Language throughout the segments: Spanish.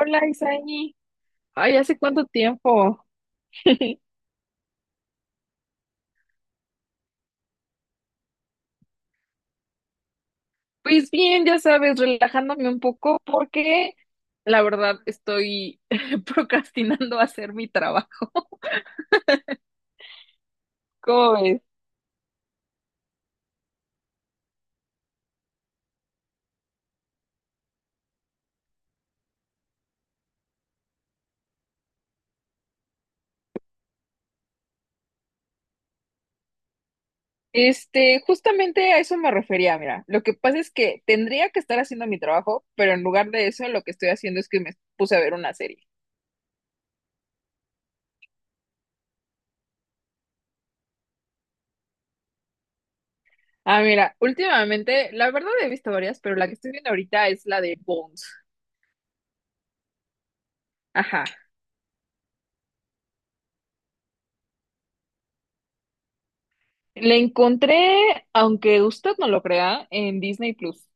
Hola, Isaí. Ay, ¿hace cuánto tiempo? Pues bien, ya sabes, relajándome un poco porque la verdad estoy procrastinando hacer mi trabajo. ¿Cómo ves? Este, justamente a eso me refería, mira. Lo que pasa es que tendría que estar haciendo mi trabajo, pero en lugar de eso lo que estoy haciendo es que me puse a ver una serie. Ah, mira, últimamente, la verdad he visto varias, pero la que estoy viendo ahorita es la de Bones. Ajá. La encontré, aunque usted no lo crea, en Disney Plus.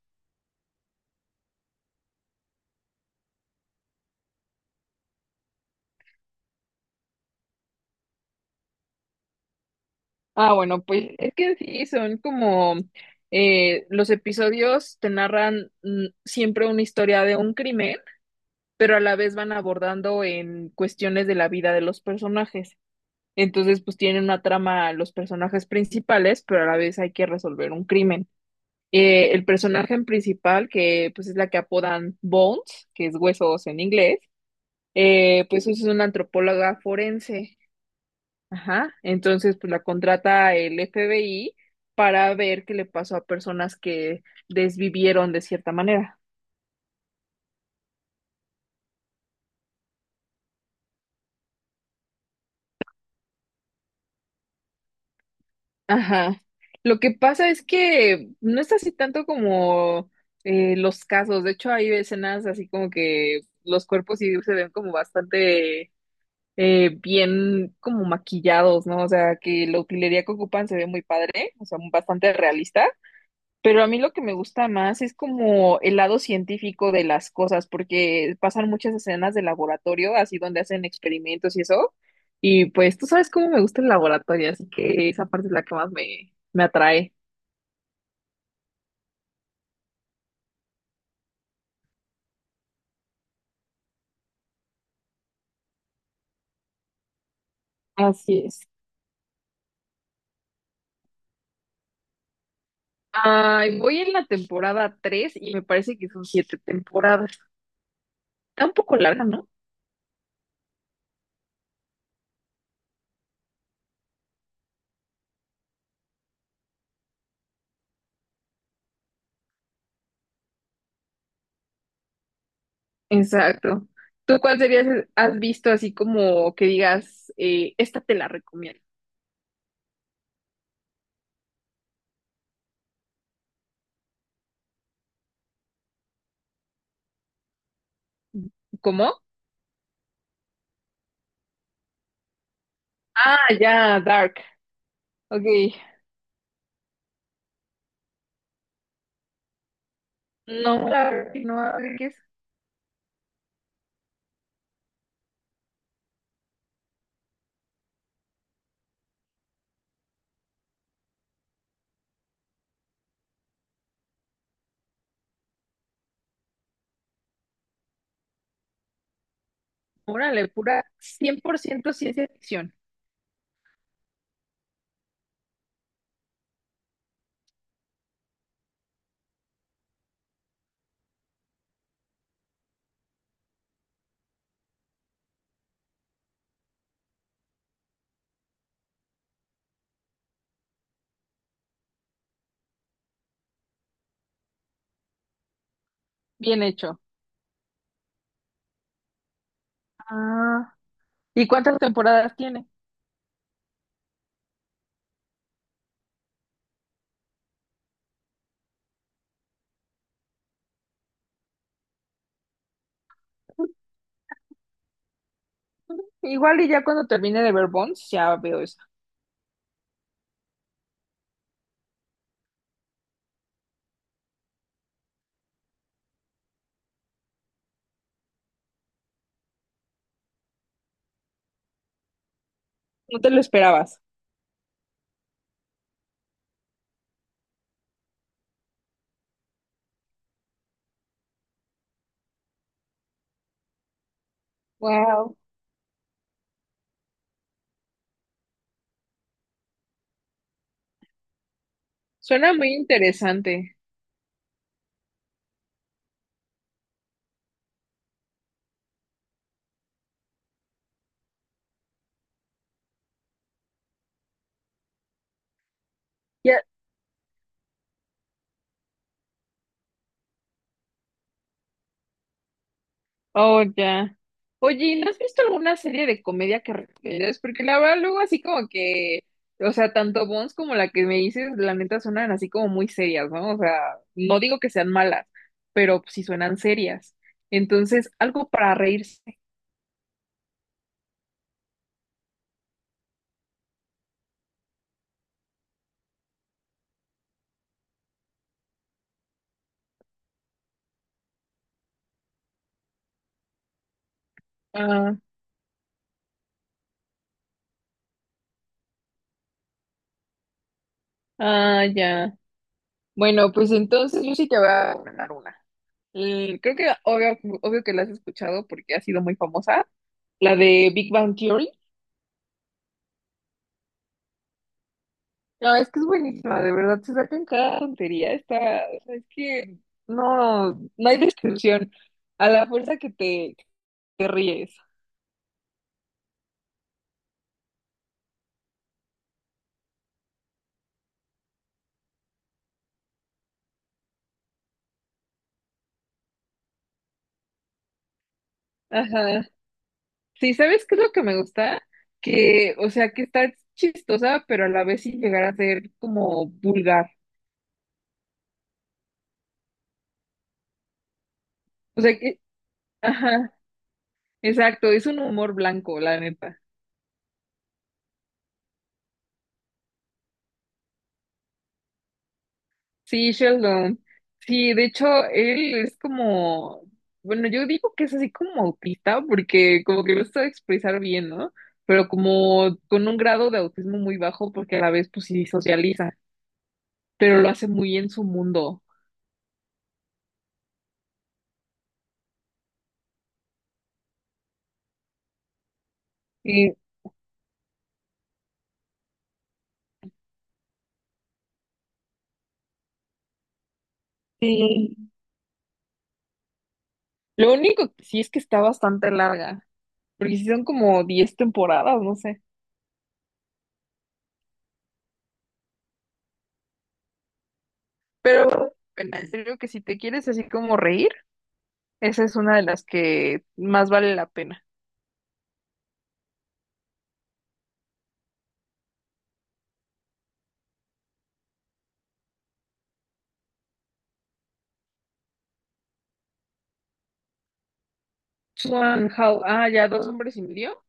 Ah, bueno, pues es que sí, son como los episodios te narran siempre una historia de un crimen, pero a la vez van abordando en cuestiones de la vida de los personajes. Entonces, pues tienen una trama los personajes principales, pero a la vez hay que resolver un crimen. El personaje principal, que pues es la que apodan Bones, que es huesos en inglés, pues es una antropóloga forense. Ajá, entonces pues la contrata el FBI para ver qué le pasó a personas que desvivieron de cierta manera. Ajá. Lo que pasa es que no es así tanto como los casos. De hecho, hay escenas así como que los cuerpos sí se ven como bastante bien como maquillados, ¿no? O sea, que la utilería que ocupan se ve muy padre, o sea, bastante realista. Pero a mí lo que me gusta más es como el lado científico de las cosas, porque pasan muchas escenas de laboratorio, así donde hacen experimentos y eso. Y pues tú sabes cómo me gusta el laboratorio, así que esa parte es la que más me atrae. Así es. Ay, voy en la temporada 3 y me parece que son 7 temporadas. Está un poco larga, ¿no? Exacto. ¿Tú cuál serías, has visto así como que digas, esta te la recomiendo? ¿Cómo? Ah, ya, Dark. Ok. No, la verdad que no, a ver qué es. Órale, pura 100% ciencia ficción. Bien hecho. Ah. ¿Y cuántas temporadas tiene? Igual y ya cuando termine de ver Bones, ya veo eso. No te lo esperabas. Wow. Suena muy interesante. Ya. Oh, ya. Oye, ¿y ¿no has visto alguna serie de comedia que recomiendas? Porque la verdad, luego así como que, o sea, tanto Bones como la que me dices, la neta suenan así como muy serias, ¿no? O sea, no digo que sean malas, pero sí suenan serias. Entonces, algo para reírse. Ah, ah, ya. Bueno, pues entonces yo sí te voy a recomendar una. Creo que obvio que la has escuchado porque ha sido muy famosa, la de Big Bang Theory. No, es que es buenísima, de verdad, se sacan cada tontería, está, o sea, es que no hay descripción, a la fuerza que te ríes. Ajá. Sí, ¿sabes qué es lo que me gusta? Que, o sea, que está chistosa, pero a la vez sin llegar a ser como vulgar. O sea que, ajá, exacto, es un humor blanco, la neta. Sí, Sheldon. Sí, de hecho, él es como, bueno, yo digo que es así como autista, porque como que lo sabe expresar bien, ¿no? Pero como con un grado de autismo muy bajo, porque a la vez, pues sí socializa, pero lo hace muy en su mundo. Y, y lo único que sí es que está bastante larga, porque sí son como 10 temporadas, no sé. Pero, bueno, en serio que si te quieres así como reír, esa es una de las que más vale la pena. Swan How, ah, ya, dos hombres y medio.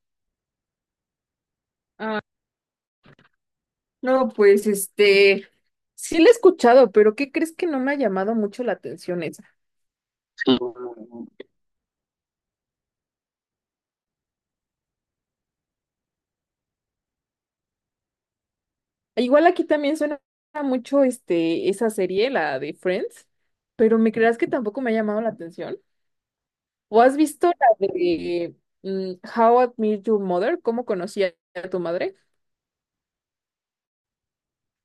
No, pues este, sí la he escuchado, pero ¿qué crees que no me ha llamado mucho la atención esa? Igual aquí también suena mucho este, esa serie, la de Friends, pero ¿me creas que tampoco me ha llamado la atención? ¿O has visto la de mm, How I Met Your Mother? ¿Cómo conocí a tu madre?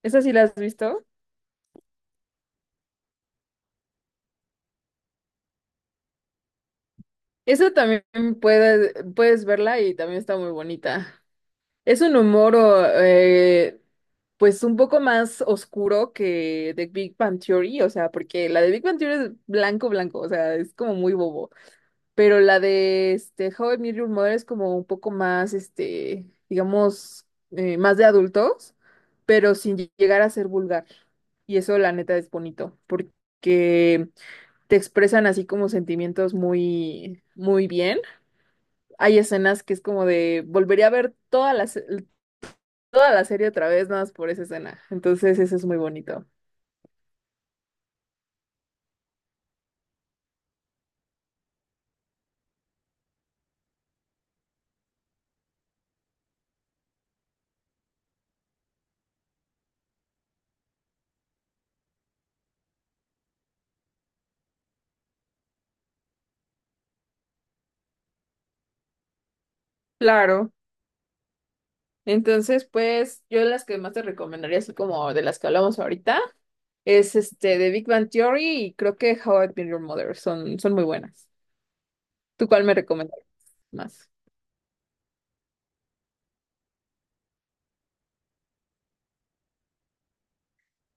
¿Esa sí la has visto? Esa también puedes verla y también está muy bonita. Es un humor, pues un poco más oscuro que The Big Bang Theory, o sea, porque la de Big Bang Theory es blanco, blanco, o sea, es como muy bobo, pero la de este, How I Met Your Mother es como un poco más, este, digamos, más de adultos, pero sin llegar a ser vulgar. Y eso, la neta, es bonito, porque te expresan así como sentimientos muy, muy bien. Hay escenas que es como de volvería a ver todas las, toda la serie otra vez, nada más por esa escena. Entonces, eso es muy bonito. Claro. Entonces, pues, yo las que más te recomendaría, así como de las que hablamos ahorita, es este de Big Bang Theory y creo que How I Met Your Mother. Son muy buenas. ¿Tú cuál me recomendarías más?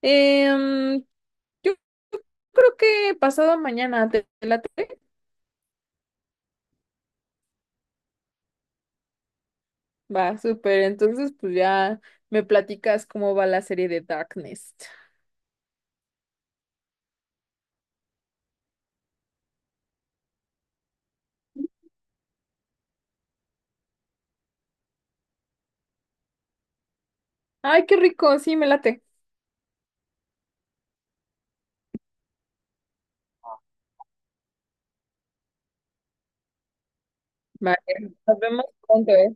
Em, yo creo que pasado mañana te late. Va, súper. Entonces, pues ya me platicas cómo va la serie de Darkness. Ay, qué rico, sí, me late. Vale, nos vemos pronto, ¿eh?